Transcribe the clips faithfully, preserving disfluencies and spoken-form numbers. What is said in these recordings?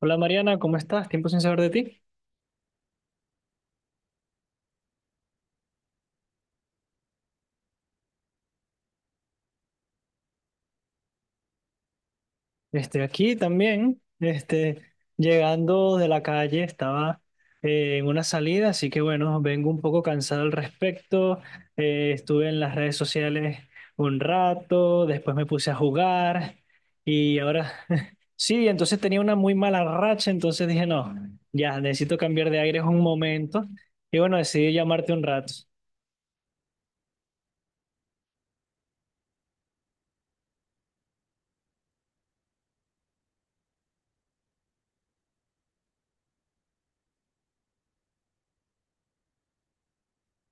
Hola Mariana, ¿cómo estás? Tiempo sin saber de ti. Este, aquí también, este, llegando de la calle, estaba eh, en una salida, así que bueno, vengo un poco cansado al respecto. Eh, estuve en las redes sociales un rato, después me puse a jugar y ahora sí, entonces tenía una muy mala racha, entonces dije, no, ya necesito cambiar de aire un momento y bueno, decidí llamarte un rato.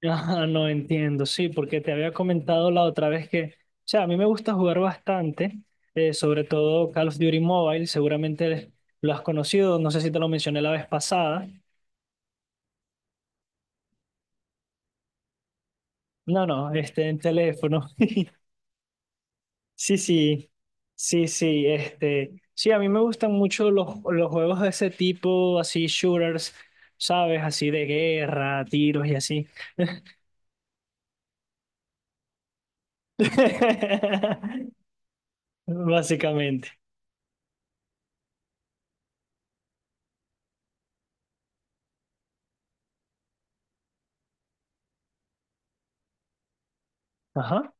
Ah, no entiendo, sí, porque te había comentado la otra vez que, o sea, a mí me gusta jugar bastante, eh, sobre todo Call of Duty Mobile, seguramente lo has conocido, no sé si te lo mencioné la vez pasada. No, no, este, en teléfono. Sí, sí, sí, sí, este, sí, a mí me gustan mucho los, los juegos de ese tipo, así, shooters, ¿sabes? Así de guerra, tiros y así. Básicamente. Ajá,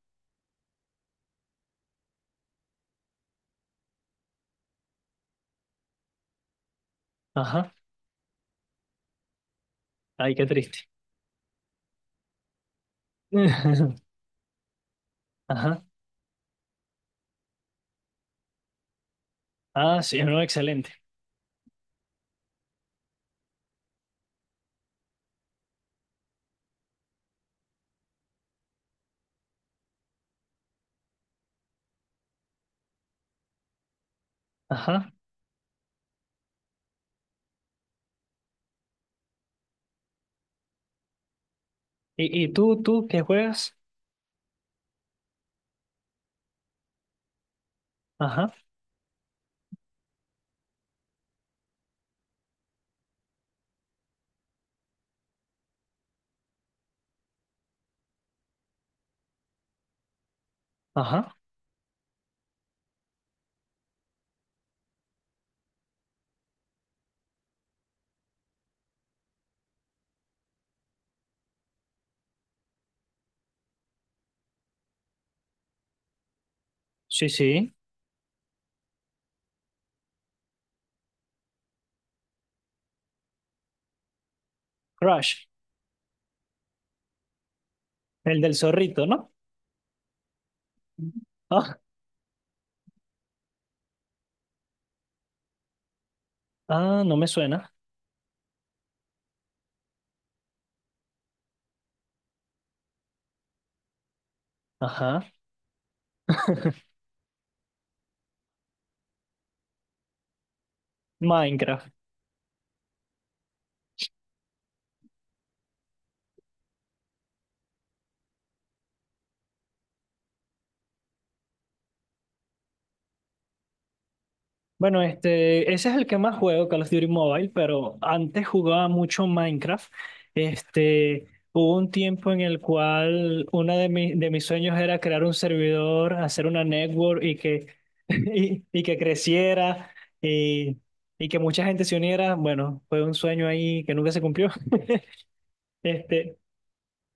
ajá, ay, qué triste. Ajá. Ah, sí, no, excelente. Ajá. ¿Y, y tú, tú qué juegas? Ajá. Ajá. Sí, sí. Crash, el del zorrito, ¿no? Ah, ah, no me suena. Ajá. Minecraft. Bueno, este, ese es el que más juego, Call of Duty Mobile, pero antes jugaba mucho Minecraft. Este, Hubo un tiempo en el cual uno de, mi- de mis sueños era crear un servidor, hacer una network y que, y, y que creciera y, y que mucha gente se uniera. Bueno, fue un sueño ahí que nunca se cumplió. Este,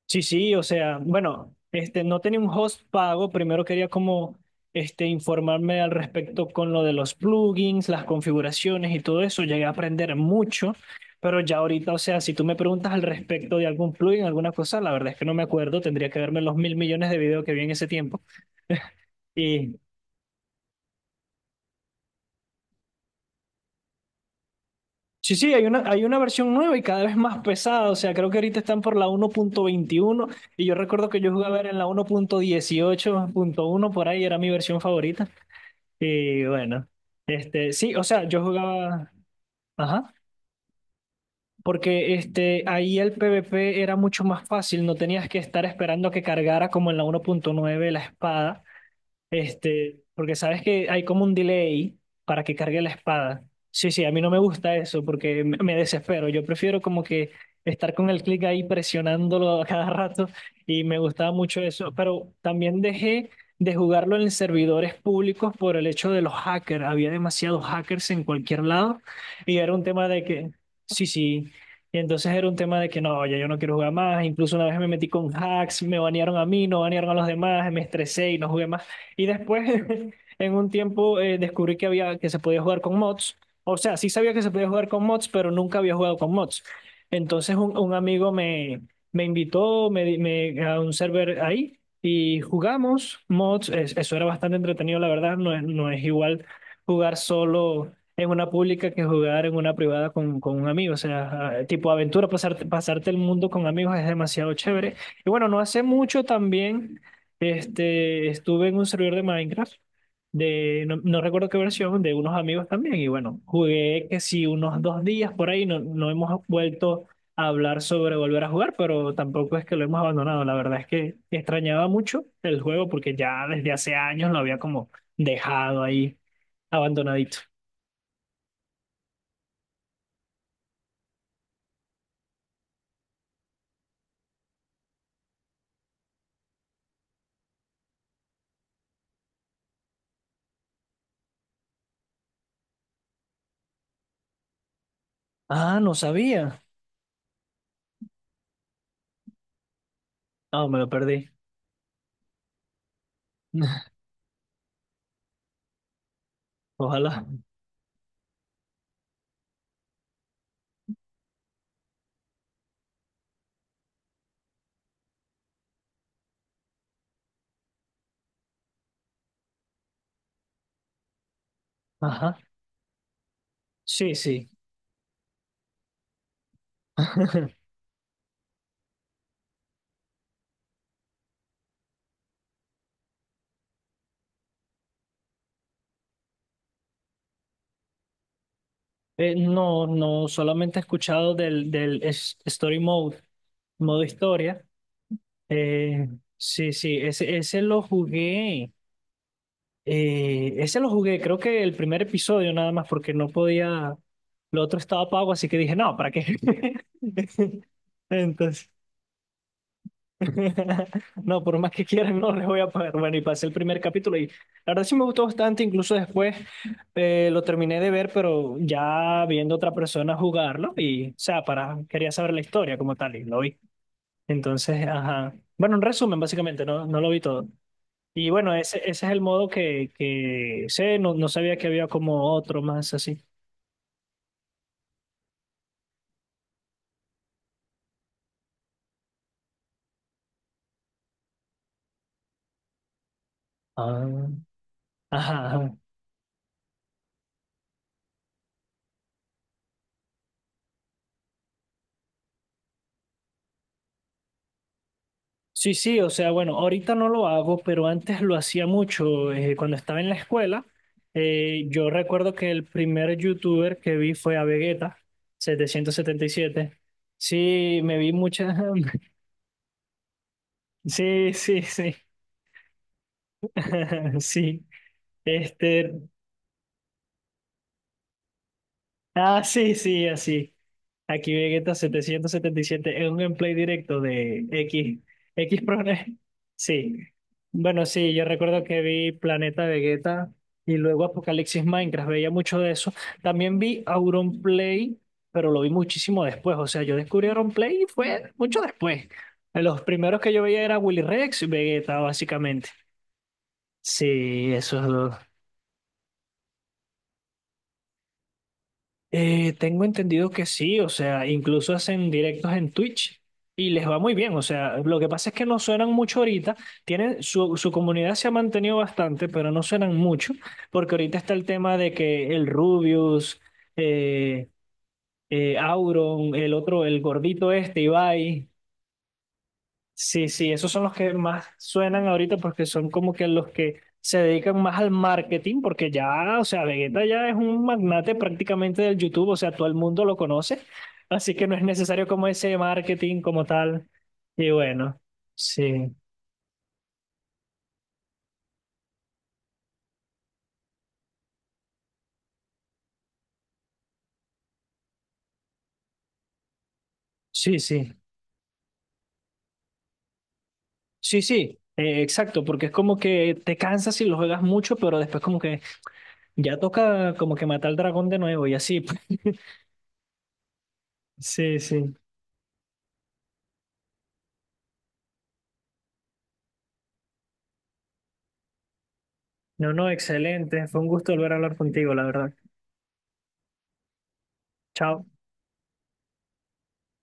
Sí, sí, o sea, bueno, este, no tenía un host pago. Primero quería como este, informarme al respecto con lo de los plugins, las configuraciones y todo eso. Llegué a aprender mucho, pero ya ahorita, o sea, si tú me preguntas al respecto de algún plugin, alguna cosa, la verdad es que no me acuerdo. Tendría que verme los mil millones de videos que vi en ese tiempo. Y sí, sí, hay una, hay una versión nueva y cada vez más pesada. O sea, creo que ahorita están por la uno punto veintiuno y yo recuerdo que yo jugaba era en la uno punto punto dieciocho punto uno por ahí, era mi versión favorita. Y bueno, este, sí, o sea, yo jugaba, ajá, porque este, ahí el PvP era mucho más fácil, no tenías que estar esperando que cargara como en la uno punto nueve la espada, este, porque sabes que hay como un delay para que cargue la espada. Sí, sí, a mí no me gusta eso porque me me desespero. Yo prefiero como que estar con el clic ahí presionándolo a cada rato y me gustaba mucho eso. Pero también dejé de jugarlo en servidores públicos por el hecho de los hackers. Había demasiados hackers en cualquier lado y era un tema de que, sí, sí. Y entonces era un tema de que no, ya yo no quiero jugar más. Incluso una vez me metí con hacks, me banearon a mí, no banearon a los demás, me estresé y no jugué más. Y después, en un tiempo, eh, descubrí que había, que se podía jugar con mods. O sea, sí sabía que se podía jugar con mods, pero nunca había jugado con mods. Entonces, un, un amigo me, me invitó me, di- me- a un server ahí y jugamos mods. Es- eso era bastante entretenido, la verdad. No es, no es igual jugar solo en una pública que jugar en una privada con, con un amigo. O sea, ah, tipo aventura, pasarte, pasarte el mundo con amigos es demasiado chévere. Y bueno, no hace mucho también. Este, estuve en un servidor de Minecraft, de, no, no recuerdo qué versión, de unos amigos también, y bueno, jugué que sí unos dos días por ahí, no, no hemos vuelto a hablar sobre volver a jugar, pero tampoco es que lo hemos abandonado, la verdad es que extrañaba mucho el juego porque ya desde hace años lo había como dejado ahí, abandonadito. Ah, no sabía. Ah, me lo perdí. Ojalá. Ajá. Sí, sí. Eh, no, no, solamente he escuchado del, del es- Story Mode, modo historia. Eh, sí, sí, ese, ese lo jugué. Eh, ese lo jugué, creo que el primer episodio nada más, porque no podía. Lo otro estaba pago, así que dije, no, ¿para qué? Entonces, no, por más que quieran, no les voy a pagar. Bueno, y pasé el primer capítulo y la verdad sí me gustó bastante, incluso después eh, lo terminé de ver, pero ya viendo otra persona jugarlo y, o sea, para, quería saber la historia como tal y lo vi. Entonces, ajá. Bueno, en resumen, básicamente, no, no lo vi todo. Y bueno, ese, ese es el modo que, que sé, no, no sabía que había como otro más así. Ah, ajá. Ajá. Sí, sí, o sea, bueno, ahorita no lo hago, pero antes lo hacía mucho. Eh, cuando estaba en la escuela, eh, yo recuerdo que el primer youtuber que vi fue a Vegeta, setecientos setenta y siete. Sí, me vi muchas... Sí, sí, sí. Sí. Este, Ah, sí, sí, así. Aquí Vegeta setecientos setenta y siete es un gameplay directo de X, X Prone. Sí. Bueno, sí, yo recuerdo que vi Planeta Vegeta y luego Apocalipsis Minecraft, veía mucho de eso. También vi Auron Play, pero lo vi muchísimo después. O sea, yo descubrí Auron Play y fue mucho después. Los primeros que yo veía era Willy Rex y Vegeta, básicamente. Sí, esos dos. Eh, tengo entendido que sí, o sea, incluso hacen directos en Twitch y les va muy bien, o sea, lo que pasa es que no suenan mucho ahorita, tienen su, su comunidad se ha mantenido bastante, pero no suenan mucho, porque ahorita está el tema de que el Rubius, eh, eh, Auron, el otro, el gordito este, Ibai. Sí, sí, esos son los que más suenan ahorita porque son como que los que se dedican más al marketing, porque ya, o sea, Vegeta ya es un magnate prácticamente del YouTube, o sea, todo el mundo lo conoce, así que no es necesario como ese marketing como tal. Y bueno, sí, sí, sí, sí, sí, eh, exacto, porque es como que te cansas si lo juegas mucho, pero después como que ya toca como que matar al dragón de nuevo y así. Sí, sí. No, no, excelente. Fue un gusto volver a hablar contigo, la verdad. Chao.